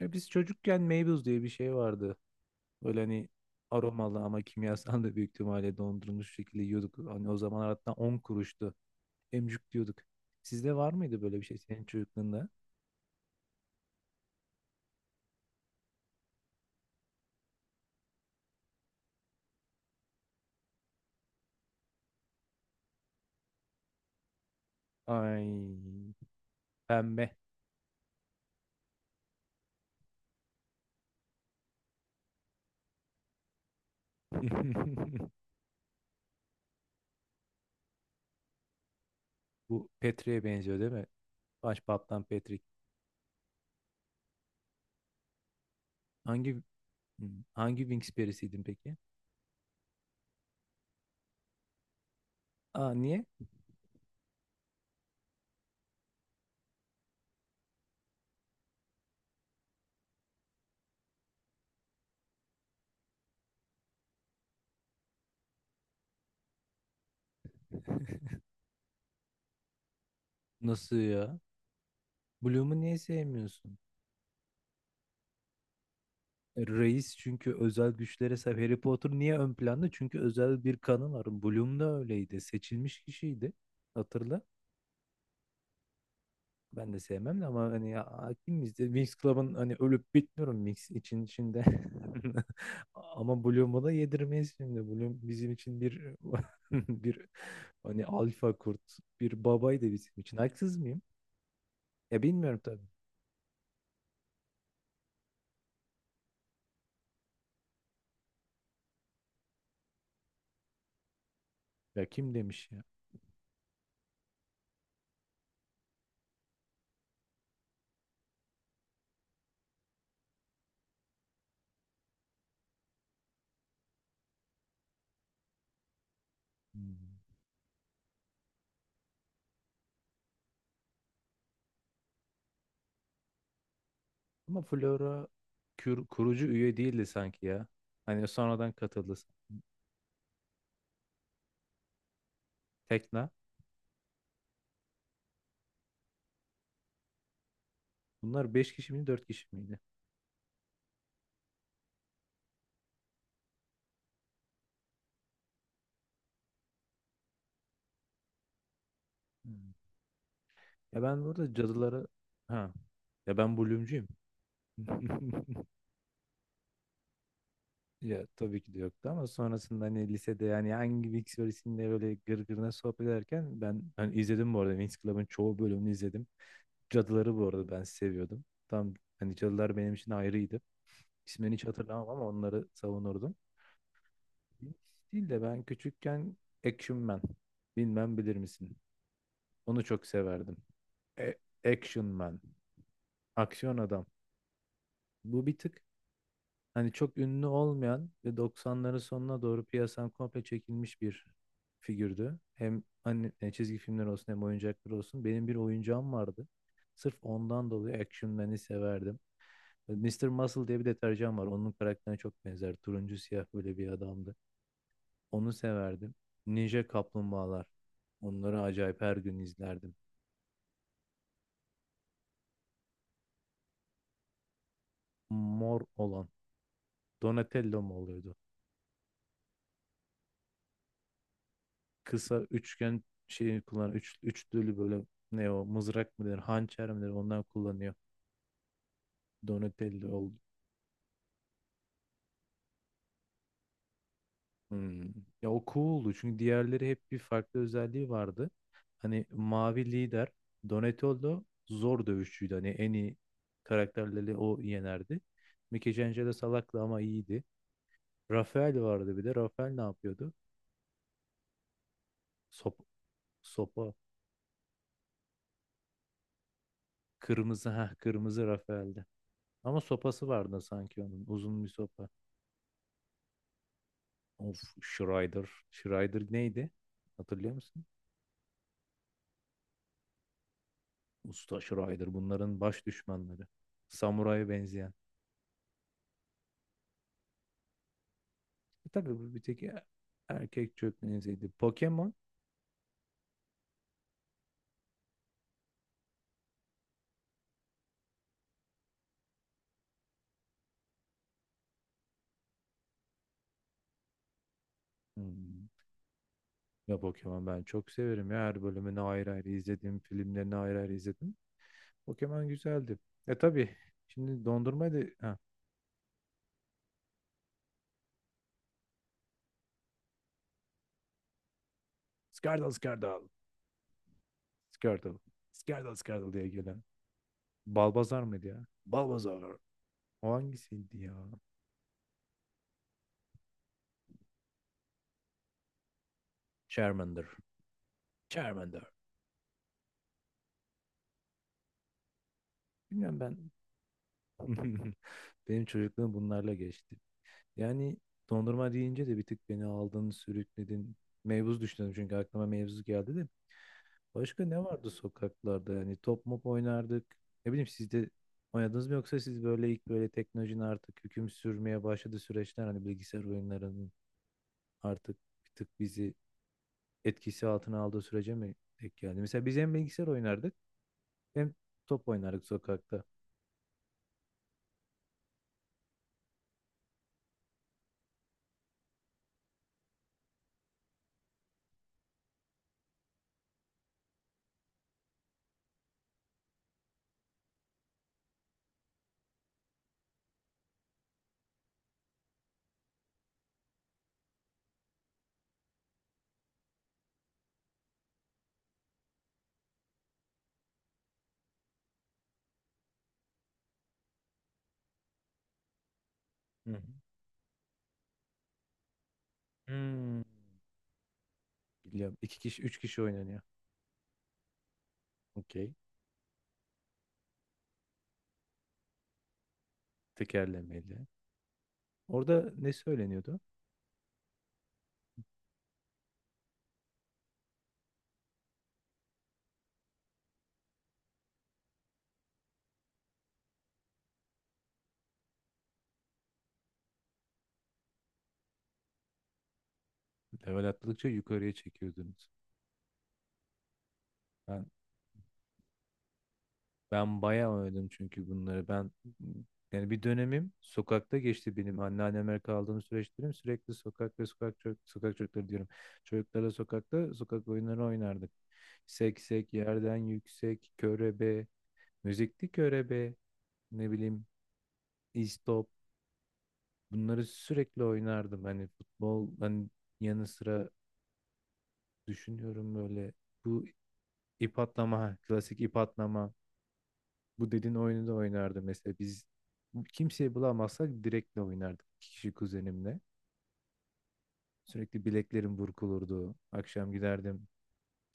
Ya biz çocukken Meybuz diye bir şey vardı. Böyle hani aromalı ama kimyasal da büyük ihtimalle dondurulmuş şekilde yiyorduk. Hani o zaman hatta 10 kuruştu. Emcuk diyorduk. Sizde var mıydı böyle bir şey senin çocukluğunda? Ay pembe. Bu Petri'ye benziyor değil mi? Başbaptan Petrik. Hangi hmm, hangi Winx perisiydin peki? Aa niye? Nasıl ya? Bloom'u niye sevmiyorsun? Reis çünkü özel güçlere sahip. Harry Potter niye ön planda? Çünkü özel bir kanı var. Bloom da öyleydi. Seçilmiş kişiydi. Hatırla. Ben de sevmem de ama hani ya, hakim miyiz? Winx Club'ın hani ölüp bitmiyorum Mix için içinde. Ama Bloom'u da yedirmeyiz şimdi. Bloom bizim için bir bir hani alfa kurt, bir babaydı bizim için. Haksız mıyım? Ya bilmiyorum tabii. Ya kim demiş ya? Hmm. Ama Flora kurucu üye değildi sanki ya. Hani sonradan katıldı sanki. Tekna. Bunlar beş kişi miydi 4 kişi miydi? Hmm. Ya ben burada cadılara... Ha. Ya ben bölümcüyüm. Ya tabii ki de yoktu ama sonrasında hani lisede yani hangi Winx Club'inde böyle gırgırına sohbet ederken ben hani izledim bu arada Winx Club'ın çoğu bölümünü izledim. Cadıları bu arada ben seviyordum. Tam hani cadılar benim için ayrıydı. İsmini hiç hatırlamam ama onları savunurdum. Winx değil de ben küçükken Action Man. Bilmem bilir misin? Onu çok severdim. E- Action Man. Aksiyon adam. Bu bir tık. Hani çok ünlü olmayan ve 90'ların sonuna doğru piyasadan komple çekilmiş bir figürdü. Hem hani çizgi filmler olsun hem oyuncaklar olsun. Benim bir oyuncağım vardı. Sırf ondan dolayı Action Man'i severdim. Mister Muscle diye bir deterjan var. Onun karakterine çok benzer. Turuncu siyah böyle bir adamdı. Onu severdim. Ninja Kaplumbağalar. Onları acayip her gün izlerdim. Mor olan. Donatello mu oluyordu? Kısa üçgen şeyi kullan, üçlülü böyle, ne o mızrak mı der hançer mi der ondan kullanıyor. Donatello oldu. Hmm. Ya o cool'du çünkü diğerleri hep bir farklı özelliği vardı. Hani mavi lider. Donatello zor dövüşçüydü. Hani en iyi karakterleri o yenerdi. Michelangelo salaktı ama iyiydi. Rafael vardı bir de. Rafael ne yapıyordu? Sop sopa. Kırmızı, ha, kırmızı Rafael'di. Ama sopası vardı sanki onun. Uzun bir sopa. Of Schrider. Schrider neydi? Hatırlıyor musun? Usta Schrider bunların baş düşmanları. Samuraya benzeyen. E tabii bu bir tek erkek çökmeziydi. Pokemon. Hmm. Ya Pokemon ben çok severim ya. Her bölümünü ayrı ayrı izledim. Filmlerini ayrı ayrı izledim. Pokemon güzeldi. E tabii. Şimdi dondurma da... Ha. Skardal Skardal. Skardal. Skardal Skardal diye gelen. Balbazar mıydı ya? Balbazar. O hangisiydi ya? Charmander. Charmander. Bilmiyorum ben. Benim çocukluğum bunlarla geçti. Yani dondurma deyince de bir tık beni aldın, sürükledin. Mevzu düşündüm çünkü aklıma mevzu geldi de. Başka ne vardı sokaklarda? Yani top mop oynardık. Ne bileyim siz de oynadınız mı yoksa siz böyle ilk böyle teknolojinin artık hüküm sürmeye başladığı süreçler hani bilgisayar oyunlarının artık bir tık bizi etkisi altına aldığı sürece mi denk geldi? Mesela biz hem bilgisayar oynardık hem top oynardık sokakta. Hı hı. Hmm. Biliyorum. İki kişi, üç kişi oynanıyor. Okey. Tekerlemeli. Orada ne söyleniyordu? Level atladıkça yukarıya çekiyordunuz. Ben ben bayağı oynadım çünkü bunları. Ben yani bir dönemim sokakta geçti benim anneanneme kaldığım süreçlerim sürekli sokak ve sokak çocuk, sokak çocukları diyorum. Çocuklarla sokakta sokak oyunları oynardık. Seksek, yerden yüksek, körebe, müzikli körebe, ne bileyim istop. Bunları sürekli oynardım. Hani futbol hani yanı sıra düşünüyorum böyle bu ip atlama, ha, klasik ip atlama. Bu dediğin oyunu da oynardı mesela biz kimseyi bulamazsak direktle oynardık iki kişi, kuzenimle. Sürekli bileklerim burkulurdu. Akşam giderdim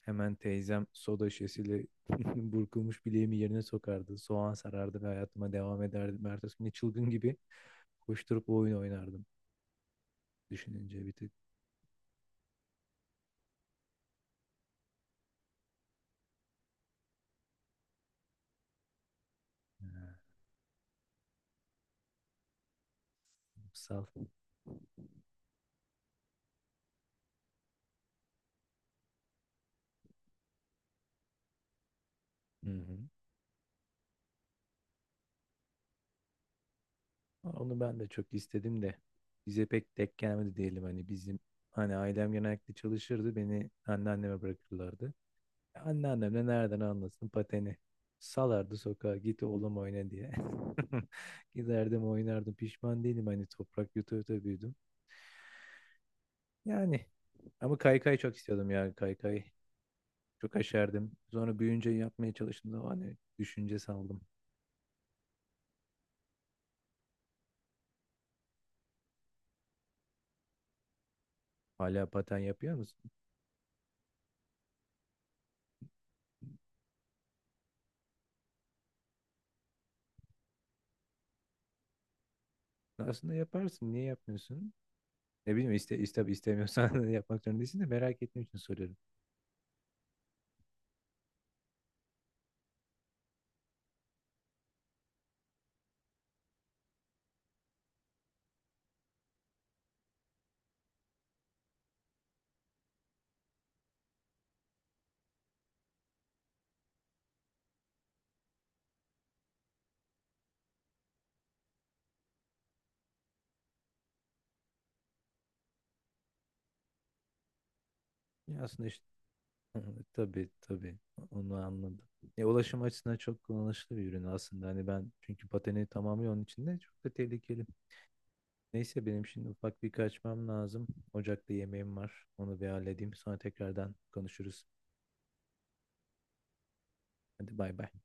hemen teyzem soda şişesiyle burkulmuş bileğimi yerine sokardı. Soğan sarardı ve hayatıma devam ederdim. Ertesi gün çılgın gibi koşturup oyun oynardım. Düşününce bir tık. e, sal. Hı hı. Onu ben de çok istedim de bize pek denk gelmedi diyelim hani bizim hani ailem genellikle çalışırdı, beni anneanneme bırakırlardı. Anneannem de nereden anlasın pateni. Salardı sokağa git oğlum oyna diye. Giderdim oynardım pişman değilim hani toprak yuta yuta büyüdüm. Yani ama kaykay çok istiyordum ya kaykay. Çok aşerdim. Sonra büyüyünce yapmaya çalıştım da hani düşünce saldım. Hala paten yapıyor musun? Aslında yaparsın niye yapmıyorsun? Ne bileyim istemiyorsan yapmak zorunda değilsin de merak ettiğim için soruyorum. Ya aslında işte, hı, tabii tabii onu anladım. Ya ulaşım açısından çok kullanışlı bir ürün aslında. Hani ben çünkü pateni tamamı onun içinde çok da tehlikeli. Neyse benim şimdi ufak bir kaçmam lazım. Ocakta yemeğim var. Onu bir halledeyim. Sonra tekrardan konuşuruz. Hadi bay bay.